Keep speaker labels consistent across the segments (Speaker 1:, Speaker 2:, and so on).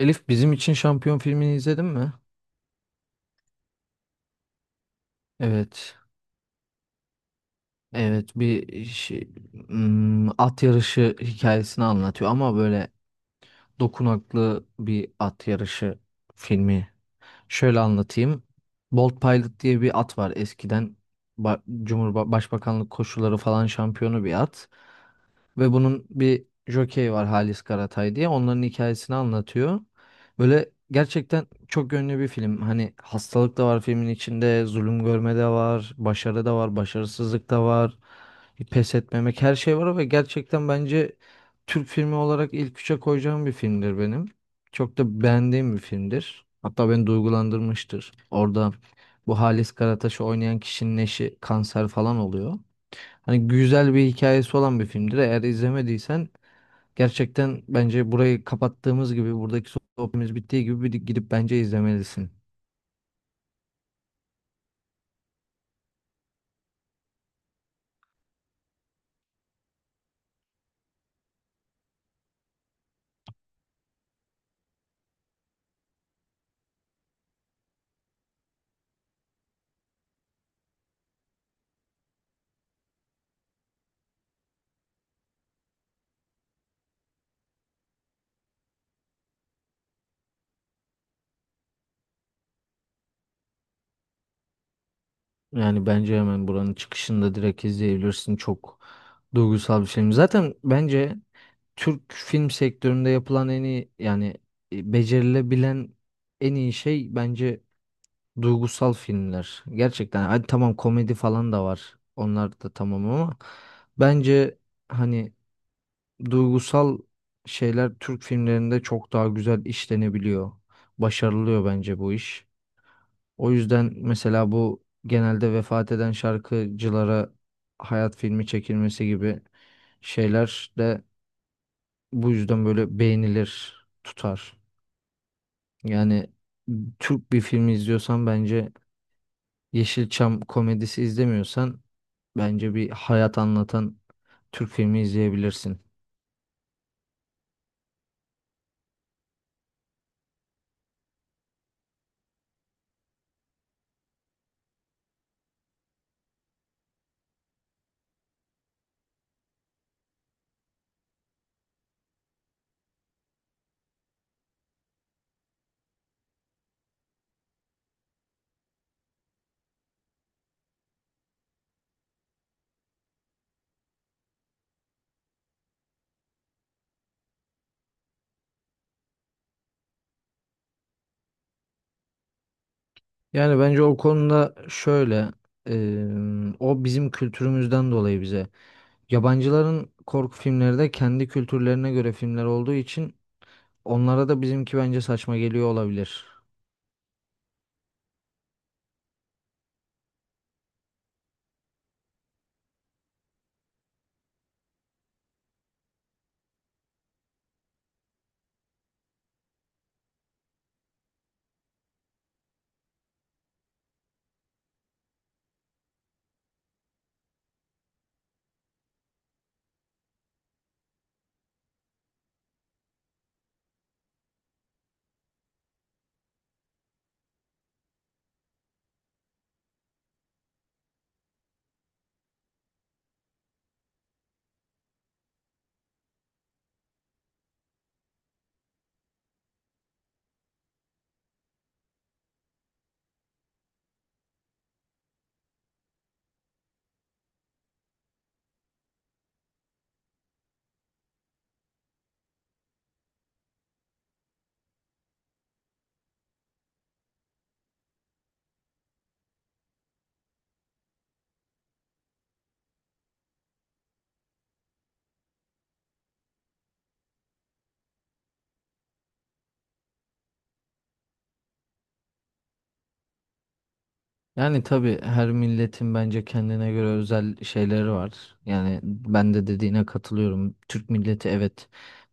Speaker 1: Elif bizim için şampiyon filmini izledin mi? Evet. Evet bir şey, at yarışı hikayesini anlatıyor ama böyle dokunaklı bir at yarışı filmi. Şöyle anlatayım. Bolt Pilot diye bir at var eskiden. Ba Cumhurba Başbakanlık koşuları falan şampiyonu bir at. Ve bunun bir jokeyi var Halis Karatay diye. Onların hikayesini anlatıyor. Böyle gerçekten çok yönlü bir film. Hani hastalık da var filmin içinde, zulüm görme de var, başarı da var, başarısızlık da var, pes etmemek her şey var ve gerçekten bence Türk filmi olarak ilk üçe koyacağım bir filmdir benim. Çok da beğendiğim bir filmdir. Hatta beni duygulandırmıştır. Orada bu Halis Karataş'ı oynayan kişinin eşi kanser falan oluyor. Hani güzel bir hikayesi olan bir filmdir. Eğer izlemediysen gerçekten bence burayı kapattığımız gibi buradaki sohbetimiz bittiği gibi bir gidip bence izlemelisin. Yani bence hemen buranın çıkışında direkt izleyebilirsin. Çok duygusal bir film. Zaten bence Türk film sektöründe yapılan en iyi yani becerilebilen en iyi şey bence duygusal filmler. Gerçekten hadi tamam komedi falan da var. Onlar da tamam ama bence hani duygusal şeyler Türk filmlerinde çok daha güzel işlenebiliyor. Başarılıyor bence bu iş. O yüzden mesela bu genelde vefat eden şarkıcılara hayat filmi çekilmesi gibi şeyler de bu yüzden böyle beğenilir, tutar. Yani Türk bir filmi izliyorsan bence Yeşilçam komedisi izlemiyorsan bence bir hayat anlatan Türk filmi izleyebilirsin. Yani bence o konuda şöyle, eee, o bizim kültürümüzden dolayı bize. Yabancıların korku filmleri de kendi kültürlerine göre filmler olduğu için onlara da bizimki bence saçma geliyor olabilir. Yani tabii her milletin bence kendine göre özel şeyleri var. Yani ben de dediğine katılıyorum. Türk milleti evet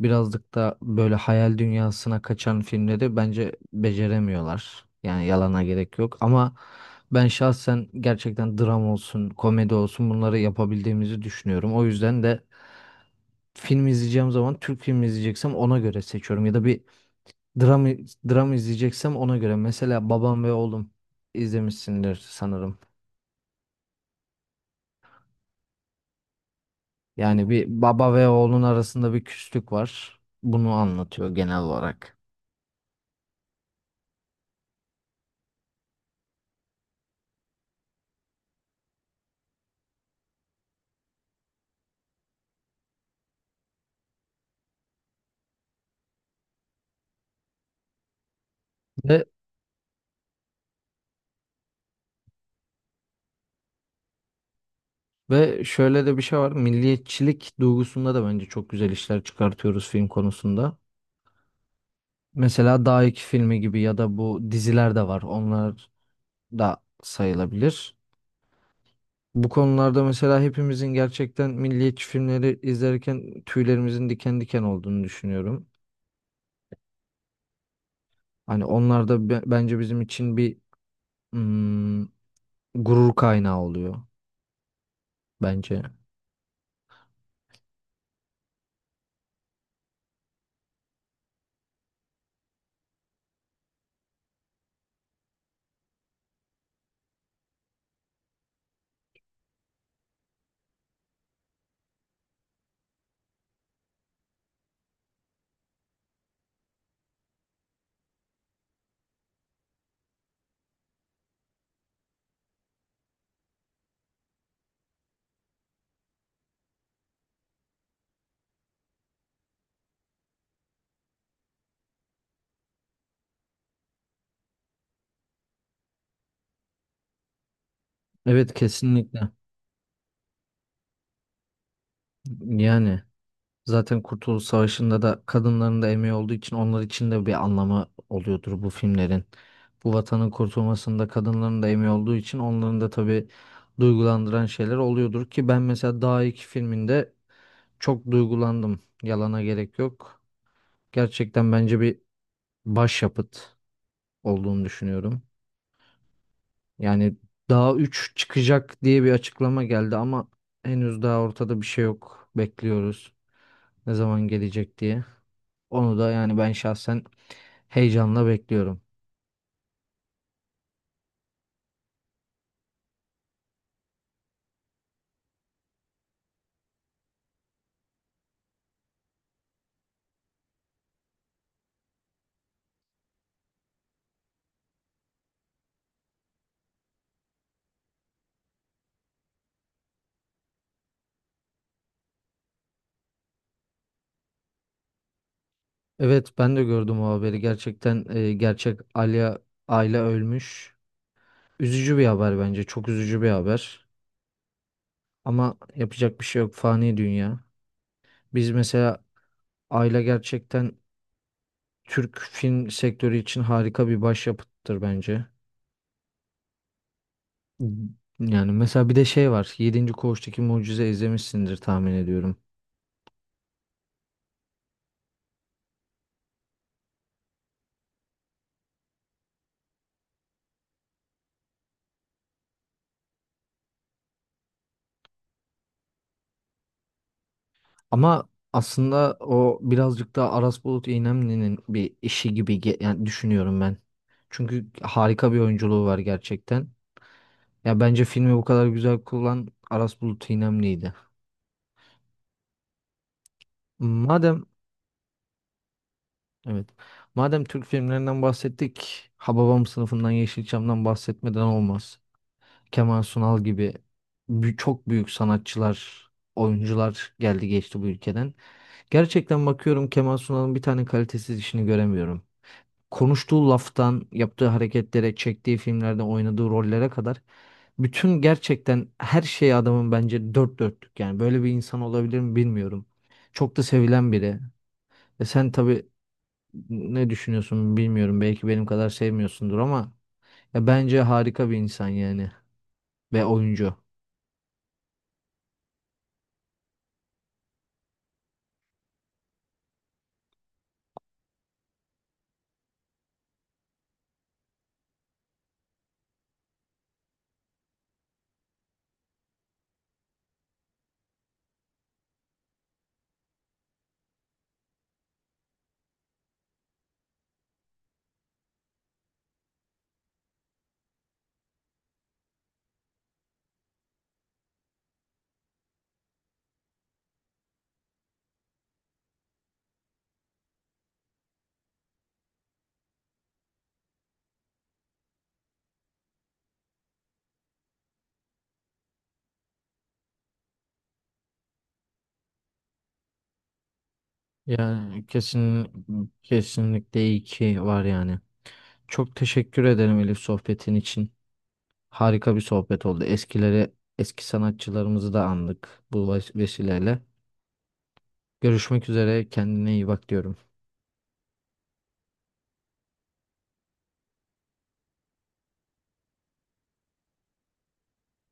Speaker 1: birazcık da böyle hayal dünyasına kaçan filmleri bence beceremiyorlar. Yani yalana gerek yok ama ben şahsen gerçekten dram olsun, komedi olsun bunları yapabildiğimizi düşünüyorum. O yüzden de film izleyeceğim zaman Türk filmi izleyeceksem ona göre seçiyorum ya da bir dram dram izleyeceksem ona göre. Mesela Babam ve Oğlum izlemişsindir sanırım. Yani bir baba ve oğlun arasında bir küslük var. Bunu anlatıyor genel olarak. Ve, ve şöyle de bir şey var. Milliyetçilik duygusunda da bence çok güzel işler çıkartıyoruz film konusunda. Mesela Dağ 2 filmi gibi ya da bu diziler de var. Onlar da sayılabilir. Bu konularda mesela hepimizin gerçekten milliyetçi filmleri izlerken tüylerimizin diken diken olduğunu düşünüyorum. Hani onlar da bence bizim için bir mm, gurur kaynağı oluyor bence. Evet kesinlikle. Yani zaten Kurtuluş Savaşı'nda da kadınların da emeği olduğu için onlar için de bir anlamı oluyordur bu filmlerin. Bu vatanın kurtulmasında kadınların da emeği olduğu için onların da tabii duygulandıran şeyler oluyordur ki ben mesela Dağ iki filminde çok duygulandım. Yalana gerek yok. Gerçekten bence bir başyapıt olduğunu düşünüyorum. Yani daha 3 çıkacak diye bir açıklama geldi ama henüz daha ortada bir şey yok. Bekliyoruz ne zaman gelecek diye. Onu da yani ben şahsen heyecanla bekliyorum. Evet ben de gördüm o haberi. Gerçekten gerçek Ayla ölmüş. Üzücü bir haber bence. Çok üzücü bir haber. Ama yapacak bir şey yok. Fani dünya. Biz mesela Ayla gerçekten Türk film sektörü için harika bir başyapıttır bence. Yani mesela bir de şey var. Yedinci Koğuştaki Mucize izlemişsindir tahmin ediyorum. Ama aslında o birazcık daha Aras Bulut İynemli'nin bir işi gibi yani düşünüyorum ben. Çünkü harika bir oyunculuğu var gerçekten. Ya bence filmi bu kadar güzel kullanan Aras Bulut İynemli'ydi. Madem evet. Madem Türk filmlerinden bahsettik, Hababam sınıfından Yeşilçam'dan bahsetmeden olmaz. Kemal Sunal gibi çok büyük sanatçılar, oyuncular geldi geçti bu ülkeden. Gerçekten bakıyorum Kemal Sunal'ın bir tane kalitesiz işini göremiyorum. Konuştuğu laftan, yaptığı hareketlere, çektiği filmlerde oynadığı rollere kadar bütün gerçekten her şey adamın bence dört dörtlük. Yani böyle bir insan olabilir mi bilmiyorum. Çok da sevilen biri. E sen tabii ne düşünüyorsun bilmiyorum. Belki benim kadar sevmiyorsundur ama ya bence harika bir insan yani ve oyuncu. Yani kesinlikle iyi ki var yani. Çok teşekkür ederim Elif sohbetin için. Harika bir sohbet oldu. Eskileri, eski sanatçılarımızı da andık bu vesileyle. Görüşmek üzere. Kendine iyi bak diyorum.